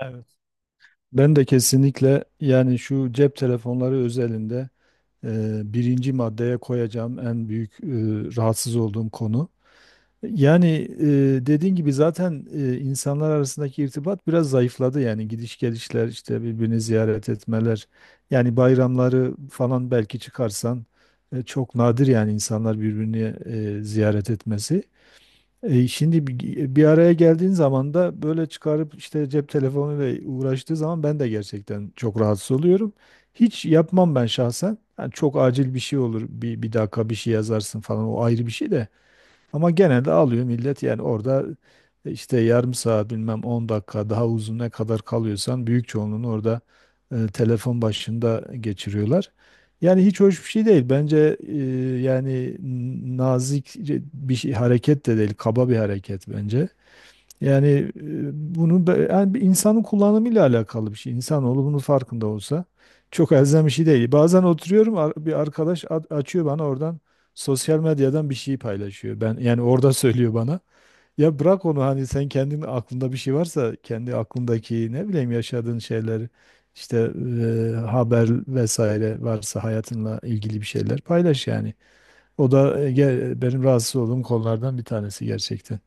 Evet. Ben de kesinlikle yani şu cep telefonları özelinde birinci maddeye koyacağım en büyük rahatsız olduğum konu. Yani dediğin gibi zaten insanlar arasındaki irtibat biraz zayıfladı yani gidiş gelişler işte birbirini ziyaret etmeler yani bayramları falan belki çıkarsan çok nadir yani insanlar birbirini ziyaret etmesi. Şimdi bir araya geldiğin zaman da böyle çıkarıp işte cep telefonuyla uğraştığı zaman ben de gerçekten çok rahatsız oluyorum. Hiç yapmam ben şahsen. Yani çok acil bir şey olur. Bir dakika bir şey yazarsın falan o ayrı bir şey de. Ama genelde alıyor millet yani orada işte yarım saat bilmem 10 dakika daha uzun ne kadar kalıyorsan büyük çoğunluğunu orada telefon başında geçiriyorlar. Yani hiç hoş bir şey değil. Bence yani nazik bir şey, hareket de değil, kaba bir hareket bence. Yani bunu yani bir insanın kullanımıyla alakalı bir şey. İnsanoğlu bunun farkında olsa çok elzem bir şey değil. Bazen oturuyorum bir arkadaş açıyor bana oradan sosyal medyadan bir şey paylaşıyor. Ben yani orada söylüyor bana. Ya bırak onu hani sen kendin aklında bir şey varsa kendi aklındaki ne bileyim yaşadığın şeyler işte haber vesaire varsa hayatınla ilgili bir şeyler paylaş yani. O da benim rahatsız olduğum konulardan bir tanesi gerçekten.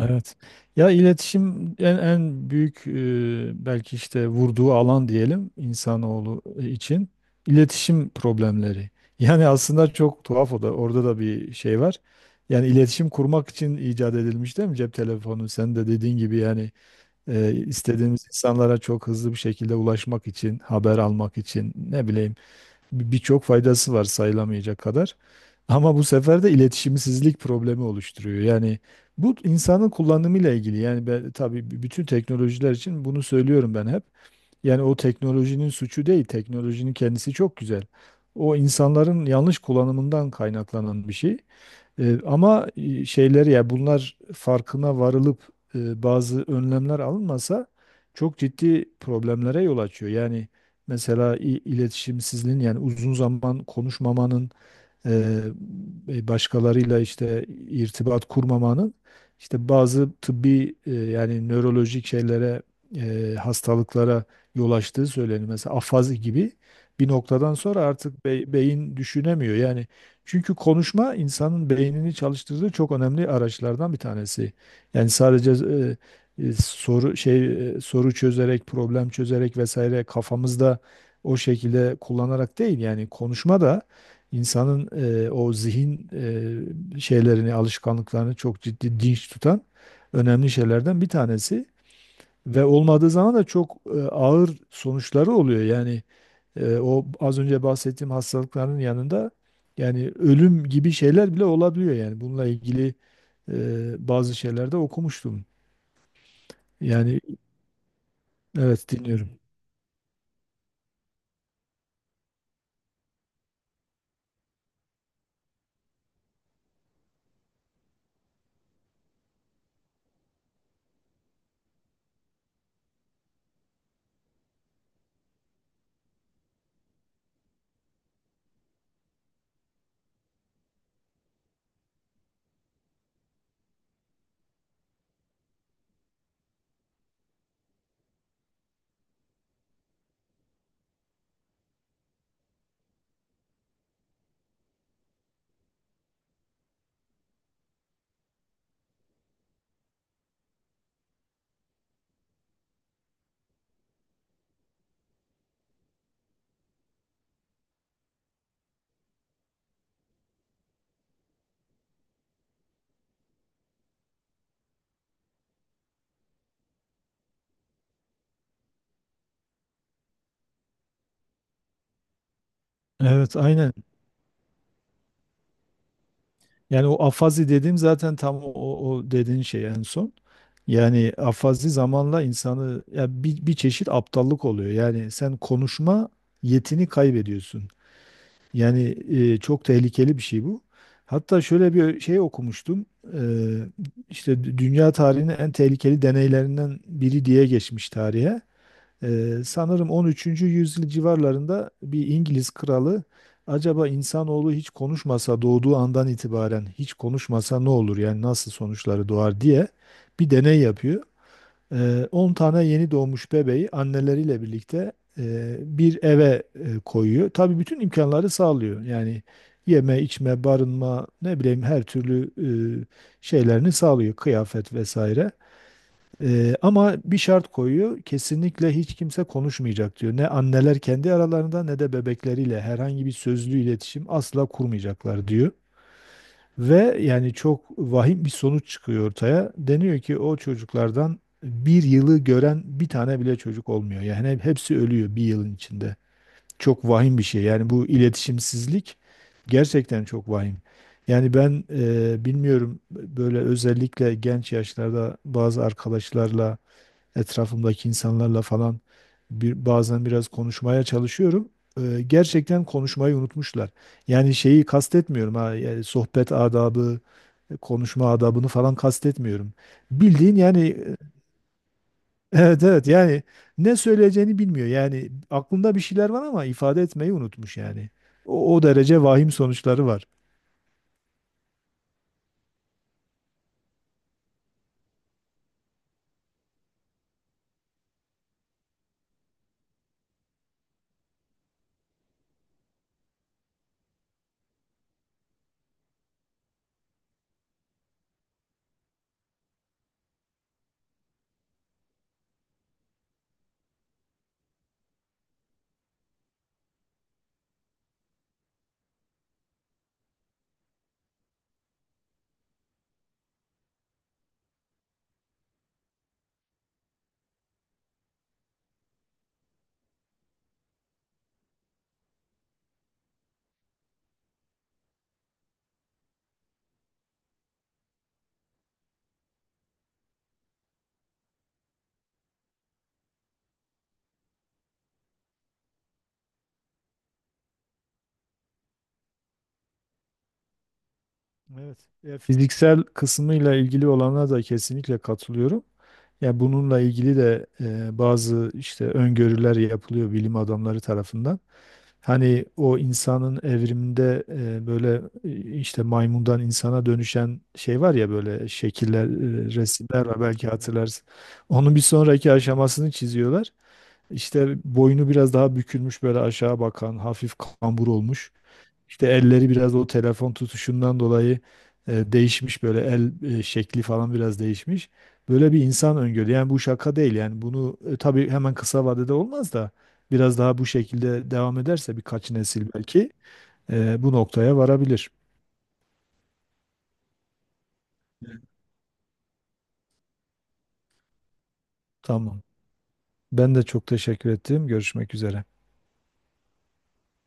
Evet. Ya iletişim en büyük belki işte vurduğu alan diyelim insanoğlu için iletişim problemleri. Yani aslında çok tuhaf o da orada da bir şey var. Yani iletişim kurmak için icat edilmiş değil mi cep telefonu? Sen de dediğin gibi yani istediğimiz insanlara çok hızlı bir şekilde ulaşmak için, haber almak için ne bileyim birçok faydası var sayılamayacak kadar. Ama bu sefer de iletişimsizlik problemi oluşturuyor. Yani bu insanın kullanımıyla ilgili. Yani ben, tabii bütün teknolojiler için bunu söylüyorum ben hep. Yani o teknolojinin suçu değil. Teknolojinin kendisi çok güzel. O insanların yanlış kullanımından kaynaklanan bir şey. Ama şeyleri ya bunlar farkına varılıp bazı önlemler alınmasa çok ciddi problemlere yol açıyor. Yani mesela iletişimsizliğin yani uzun zaman konuşmamanın e, başkalarıyla işte irtibat kurmamanın işte bazı tıbbi yani nörolojik şeylere hastalıklara yol açtığı söyleniyor. Mesela afazi gibi bir noktadan sonra artık beyin düşünemiyor. Yani çünkü konuşma insanın beynini çalıştırdığı çok önemli araçlardan bir tanesi. Yani sadece soru çözerek, problem çözerek vesaire kafamızda o şekilde kullanarak değil yani konuşma da İnsanın o zihin şeylerini, alışkanlıklarını çok ciddi dinç tutan önemli şeylerden bir tanesi ve olmadığı zaman da çok ağır sonuçları oluyor. Yani o az önce bahsettiğim hastalıkların yanında yani ölüm gibi şeyler bile olabiliyor yani bununla ilgili bazı şeylerde okumuştum. Yani evet dinliyorum. Evet aynen. Yani o afazi dediğim zaten tam o dediğin şey en son. Yani afazi zamanla insanı ya bir çeşit aptallık oluyor. Yani sen konuşma yetini kaybediyorsun. Yani çok tehlikeli bir şey bu. Hatta şöyle bir şey okumuştum. E, işte dünya tarihinin en tehlikeli deneylerinden biri diye geçmiş tarihe. Sanırım 13. yüzyıl civarlarında bir İngiliz kralı acaba insanoğlu hiç konuşmasa doğduğu andan itibaren hiç konuşmasa ne olur yani nasıl sonuçları doğar diye bir deney yapıyor. 10 tane yeni doğmuş bebeği anneleriyle birlikte bir eve koyuyor. Tabii bütün imkanları sağlıyor. Yani yeme, içme, barınma, ne bileyim her türlü şeylerini sağlıyor, kıyafet vesaire. Ama bir şart koyuyor. Kesinlikle hiç kimse konuşmayacak diyor. Ne anneler kendi aralarında ne de bebekleriyle herhangi bir sözlü iletişim asla kurmayacaklar diyor. Ve yani çok vahim bir sonuç çıkıyor ortaya. Deniyor ki o çocuklardan bir yılı gören bir tane bile çocuk olmuyor. Yani hepsi ölüyor bir yılın içinde. Çok vahim bir şey. Yani bu iletişimsizlik gerçekten çok vahim. Yani ben bilmiyorum böyle özellikle genç yaşlarda bazı arkadaşlarla etrafımdaki insanlarla falan bazen biraz konuşmaya çalışıyorum. Gerçekten konuşmayı unutmuşlar. Yani şeyi kastetmiyorum ha, yani sohbet adabı, konuşma adabını falan kastetmiyorum. Bildiğin yani evet evet yani ne söyleyeceğini bilmiyor. Yani aklında bir şeyler var ama ifade etmeyi unutmuş yani. O derece vahim sonuçları var. Evet. Ya, fiziksel kısmıyla ilgili olana da kesinlikle katılıyorum. Ya bununla ilgili de bazı işte öngörüler yapılıyor bilim adamları tarafından. Hani o insanın evriminde böyle işte maymundan insana dönüşen şey var ya böyle şekiller, resimler var belki hatırlarsın. Onun bir sonraki aşamasını çiziyorlar. İşte boynu biraz daha bükülmüş böyle aşağı bakan hafif kambur olmuş. İşte elleri biraz o telefon tutuşundan dolayı değişmiş böyle el şekli falan biraz değişmiş. Böyle bir insan öngörüyor. Yani bu şaka değil yani bunu tabii hemen kısa vadede olmaz da biraz daha bu şekilde devam ederse birkaç nesil belki bu noktaya varabilir. Tamam. Ben de çok teşekkür ettim. Görüşmek üzere.